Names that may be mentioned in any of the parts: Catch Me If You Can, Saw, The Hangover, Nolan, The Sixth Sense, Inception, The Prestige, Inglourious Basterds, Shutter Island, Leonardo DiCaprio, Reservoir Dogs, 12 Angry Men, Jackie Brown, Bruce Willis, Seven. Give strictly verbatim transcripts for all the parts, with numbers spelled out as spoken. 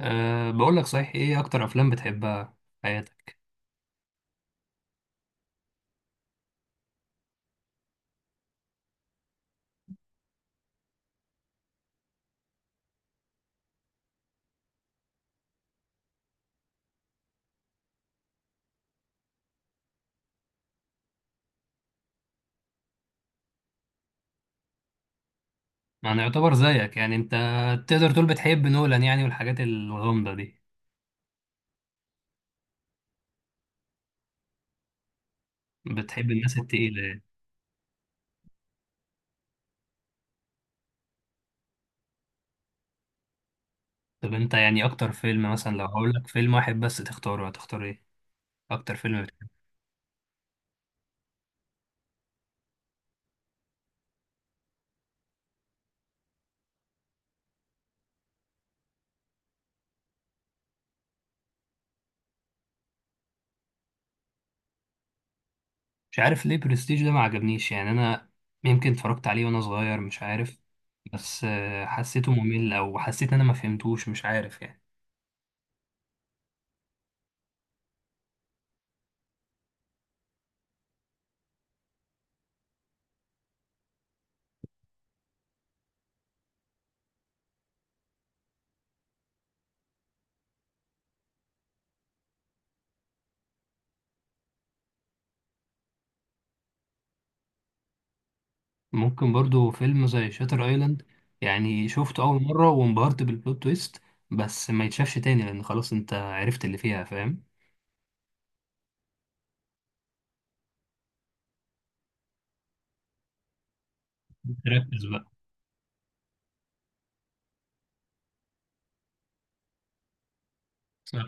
أه، بقول لك، صحيح، ايه اكتر افلام بتحبها في حياتك؟ يعني يعتبر زيك، يعني انت تقدر تقول بتحب نولان يعني والحاجات الغامضة دي؟ بتحب الناس التقيلة يعني. طب انت يعني اكتر فيلم، مثلا لو هقول لك فيلم واحد بس تختاره، هتختار ايه اكتر فيلم بتحبه؟ مش عارف ليه برستيج ده ما عجبنيش يعني، انا يمكن اتفرجت عليه وانا صغير مش عارف، بس آه، حسيته ممل او حسيت ان انا ما فهمتوش، مش عارف يعني. ممكن برضو فيلم زي شاتر ايلاند، يعني شفته اول مرة وانبهرت بالبلوت تويست بس ما يتشافش تاني، لان خلاص انت عرفت اللي فيها، فاهم؟ تركز بقى. صح.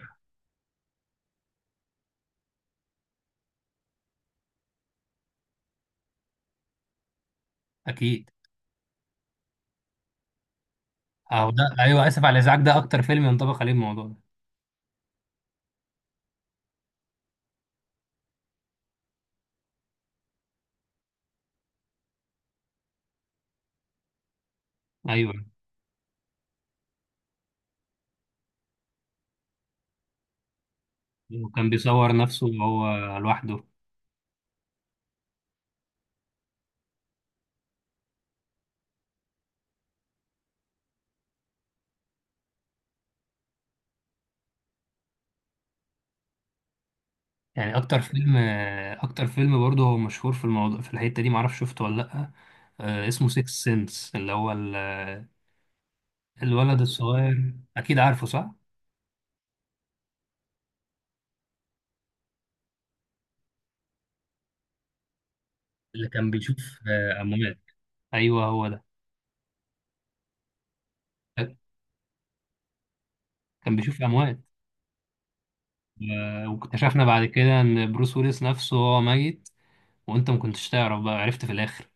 اكيد. اهو ده، ايوه، اسف على الازعاج ده اكتر فيلم ينطبق عليه الموضوع ده. ايوه، وكان بيصور نفسه وهو لوحده. يعني اكتر فيلم، اكتر فيلم برضه هو مشهور في الموضوع في الحتة دي، معرفش شفته ولا لا، آه، اسمه سيكس سنس، اللي هو ال- الولد الصغير، اكيد عارفه صح؟ اللي كان بيشوف آه، اموات. ايوه، هو ده، كان بيشوف اموات. و- واكتشفنا بعد كده ان بروس ويلس نفسه هو ميت، وانت ما كنتش تعرف، بقى عرفت في الاخر.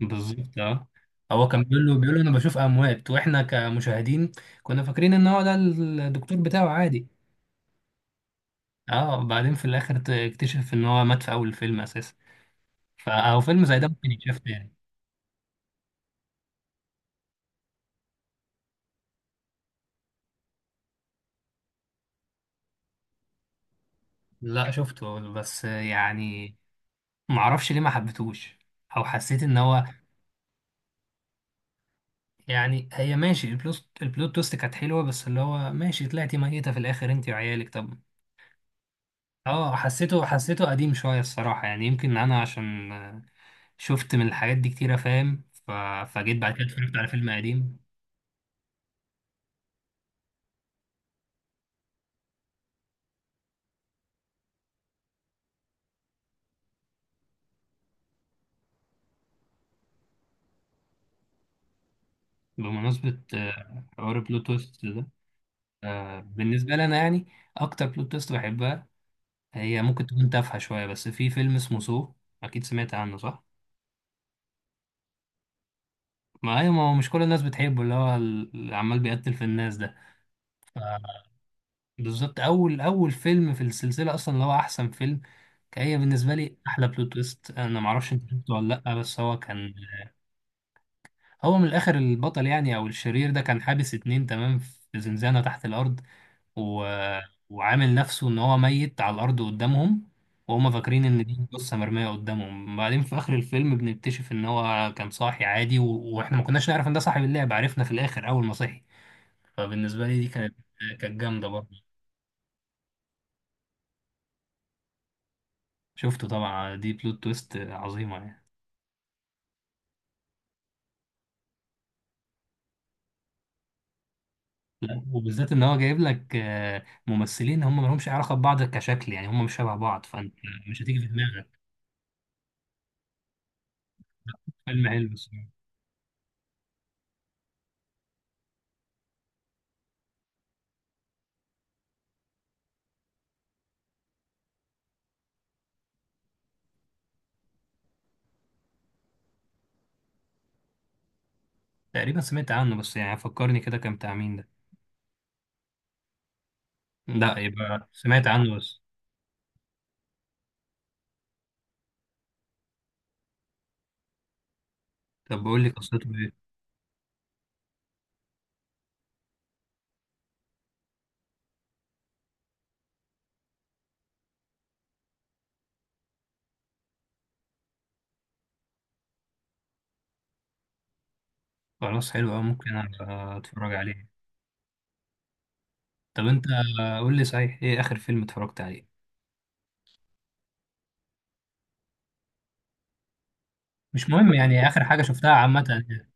بالظبط، اه. هو كان بيقول له، بيقول له انا بشوف اموات، واحنا كمشاهدين كنا فاكرين ان هو ده الدكتور بتاعه عادي. اه، بعدين في الاخر تكتشف ان هو مات في اول الفيلم اساسا. فهو فيلم زي ده ممكن يتشاف تاني. لا شفته، بس يعني معرفش ليه ما حبيتهوش، او حسيت ان هو، يعني هي ماشي، البلوت البلوت تويست كانت حلوه، بس اللي هو ماشي، طلعتي ميته في الاخر انت وعيالك، طب. اه، حسيته حسيته قديم شويه الصراحه، يعني يمكن انا عشان آه، شفت من الحاجات دي كتيره، فاهم؟ ف... فجيت بعد كده اتفرجت على فيلم قديم. بمناسبه آه، حوار البلوت تويست ده، آه، بالنسبه لي انا يعني، اكتر بلوت تويست بحبها هي ممكن تكون تافهه شويه، بس في فيلم اسمه سو، اكيد سمعت عنه صح؟ ما هي، ما هو مش كل الناس بتحبه، اللي هو اللي عمال بيقتل في الناس ده. بالظبط، اول اول فيلم في السلسله اصلا، اللي هو احسن فيلم، كان هي بالنسبه لي احلى بلوت تويست. انا ما اعرفش انت شفته ولا لا، بس هو كان، هو من الاخر، البطل يعني او الشرير ده كان حابس اتنين تمام في زنزانه تحت الارض و... وعامل نفسه ان هو ميت على الارض قدامهم، وهم فاكرين ان دي قصه مرميه قدامهم. بعدين في اخر الفيلم بنكتشف ان هو كان صاحي عادي، و... واحنا ما كناش نعرف ان ده صاحب اللعبه، عرفنا في الاخر اول ما صحي. فبالنسبه لي دي كانت، كانت جامده برضه. شفته طبعا، دي بلوت تويست عظيمه يعني. لا، وبالذات ان هو جايب لك آه، ممثلين هم مالهمش علاقه ببعض كشكل، يعني هم مش شبه بعض، فانت مش هتيجي في دماغك. فيلم حلو الصراحة. تقريبا سمعت عنه، بس يعني فكرني كده، كان بتاع مين ده؟ لا، يبقى سمعت عنه بس. طب بقول لي قصته ايه؟ خلاص، حلو قوي، ممكن أبقى اتفرج عليه. طب انت، آه، قول لي، صحيح، ايه اخر فيلم اتفرجت عليه؟ مش مهم، يعني اخر حاجه شفتها عامه يعني.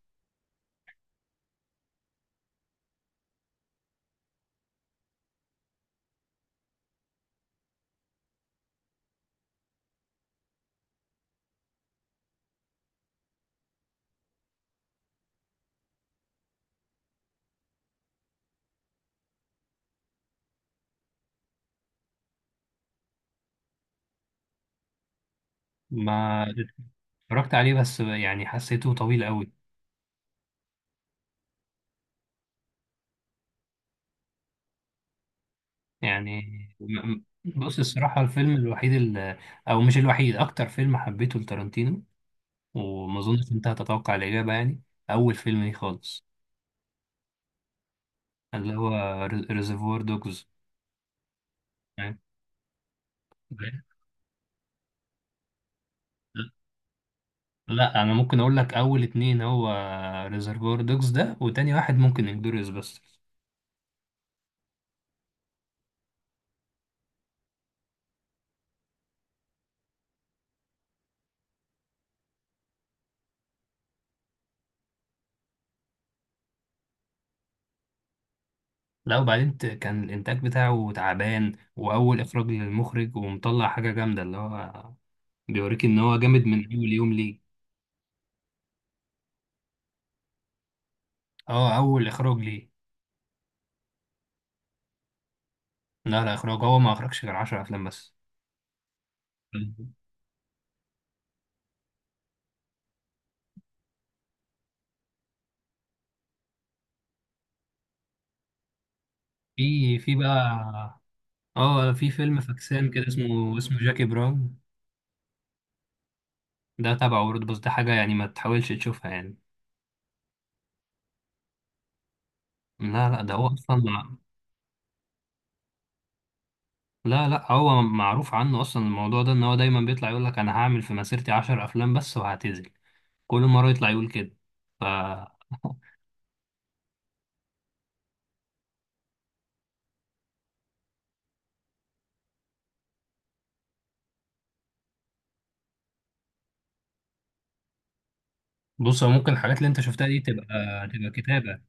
ما اتفرجت عليه، بس يعني حسيته طويل قوي يعني. م- م- بص، الصراحة الفيلم الوحيد، ال- أو مش الوحيد، أكتر فيلم حبيته لتارانتينو، وما أظنش أنت هتتوقع الإجابة يعني. أول فيلم ليه خالص، اللي هو ريزرفوار دوجز. لا، أنا ممكن أقول لك أول اتنين، هو ريزرفوار دوجز ده، وتاني واحد ممكن انجلوريوس باسترز. لا، وبعدين ت- كان الإنتاج بتاعه تعبان، وأول إخراج للمخرج، ومطلع حاجة جامدة، اللي هو بيوريك إن هو جامد من أول يوم ليه. اه، أول إخراج ليه. لا لا، اخراج، هو ما اخرجش غير عشرة افلام بس. مم. في في بقى، اه، في فيلم فاكسان كده اسمه، اسمه جاكي براون. ده تبعه برضه، بس ده حاجة يعني ما تحاولش تشوفها يعني. لا لا، ده هو اصلا مع... لا لا، هو معروف عنه اصلا الموضوع ده، ان هو دايما بيطلع يقول لك انا هعمل في مسيرتي عشرة افلام بس وهعتزل، كل مرة يطلع يقول كده. ف بص، هو ممكن الحاجات اللي انت شفتها دي تبقى، تبقى كتابة.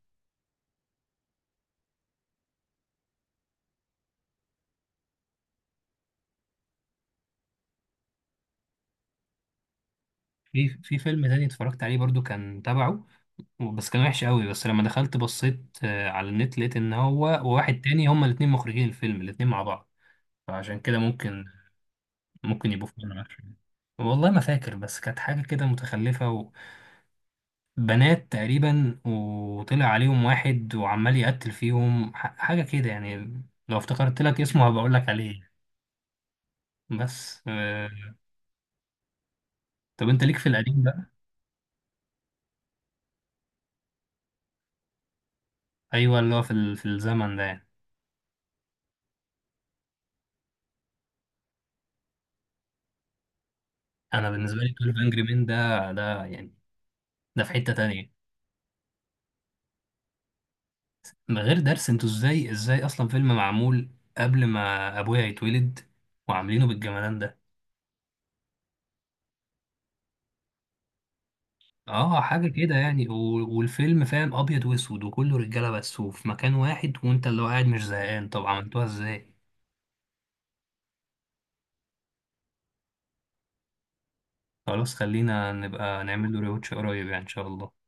في في فيلم تاني اتفرجت عليه برضو كان تبعه، بس كان وحش قوي. بس لما دخلت بصيت آه، على النت، لقيت ان هو وواحد تاني هما الاتنين مخرجين الفيلم، الاتنين مع بعض، فعشان كده ممكن، ممكن يبقوا فيلم عشان. والله ما فاكر، بس كانت حاجة كده متخلفة، وبنات تقريبا، وطلع عليهم واحد وعمال يقتل فيهم، ح- حاجة كده يعني، لو افتكرت لك اسمه هبقى اقول لك عليه. بس آه، طب انت ليك في القديم بقى. ايوه، اللي هو في ال- في الزمن ده يعني. انا بالنسبة لي اتناشر انجري مين ده، ده يعني ده في حتة تانية، من غير درس. انتوا ازاي، ازاي اصلا فيلم معمول قبل ما ابويا يتولد، وعاملينه بالجمدان ده؟ اه، حاجه كده يعني، و- والفيلم فاهم ابيض واسود، وكله رجاله بس، وفي مكان واحد، وانت اللي هو قاعد مش زهقان، طب عملتوها ازاي؟ خلاص، خلينا نبقى نعمل له ريوتش قريب يعني ان شاء الله.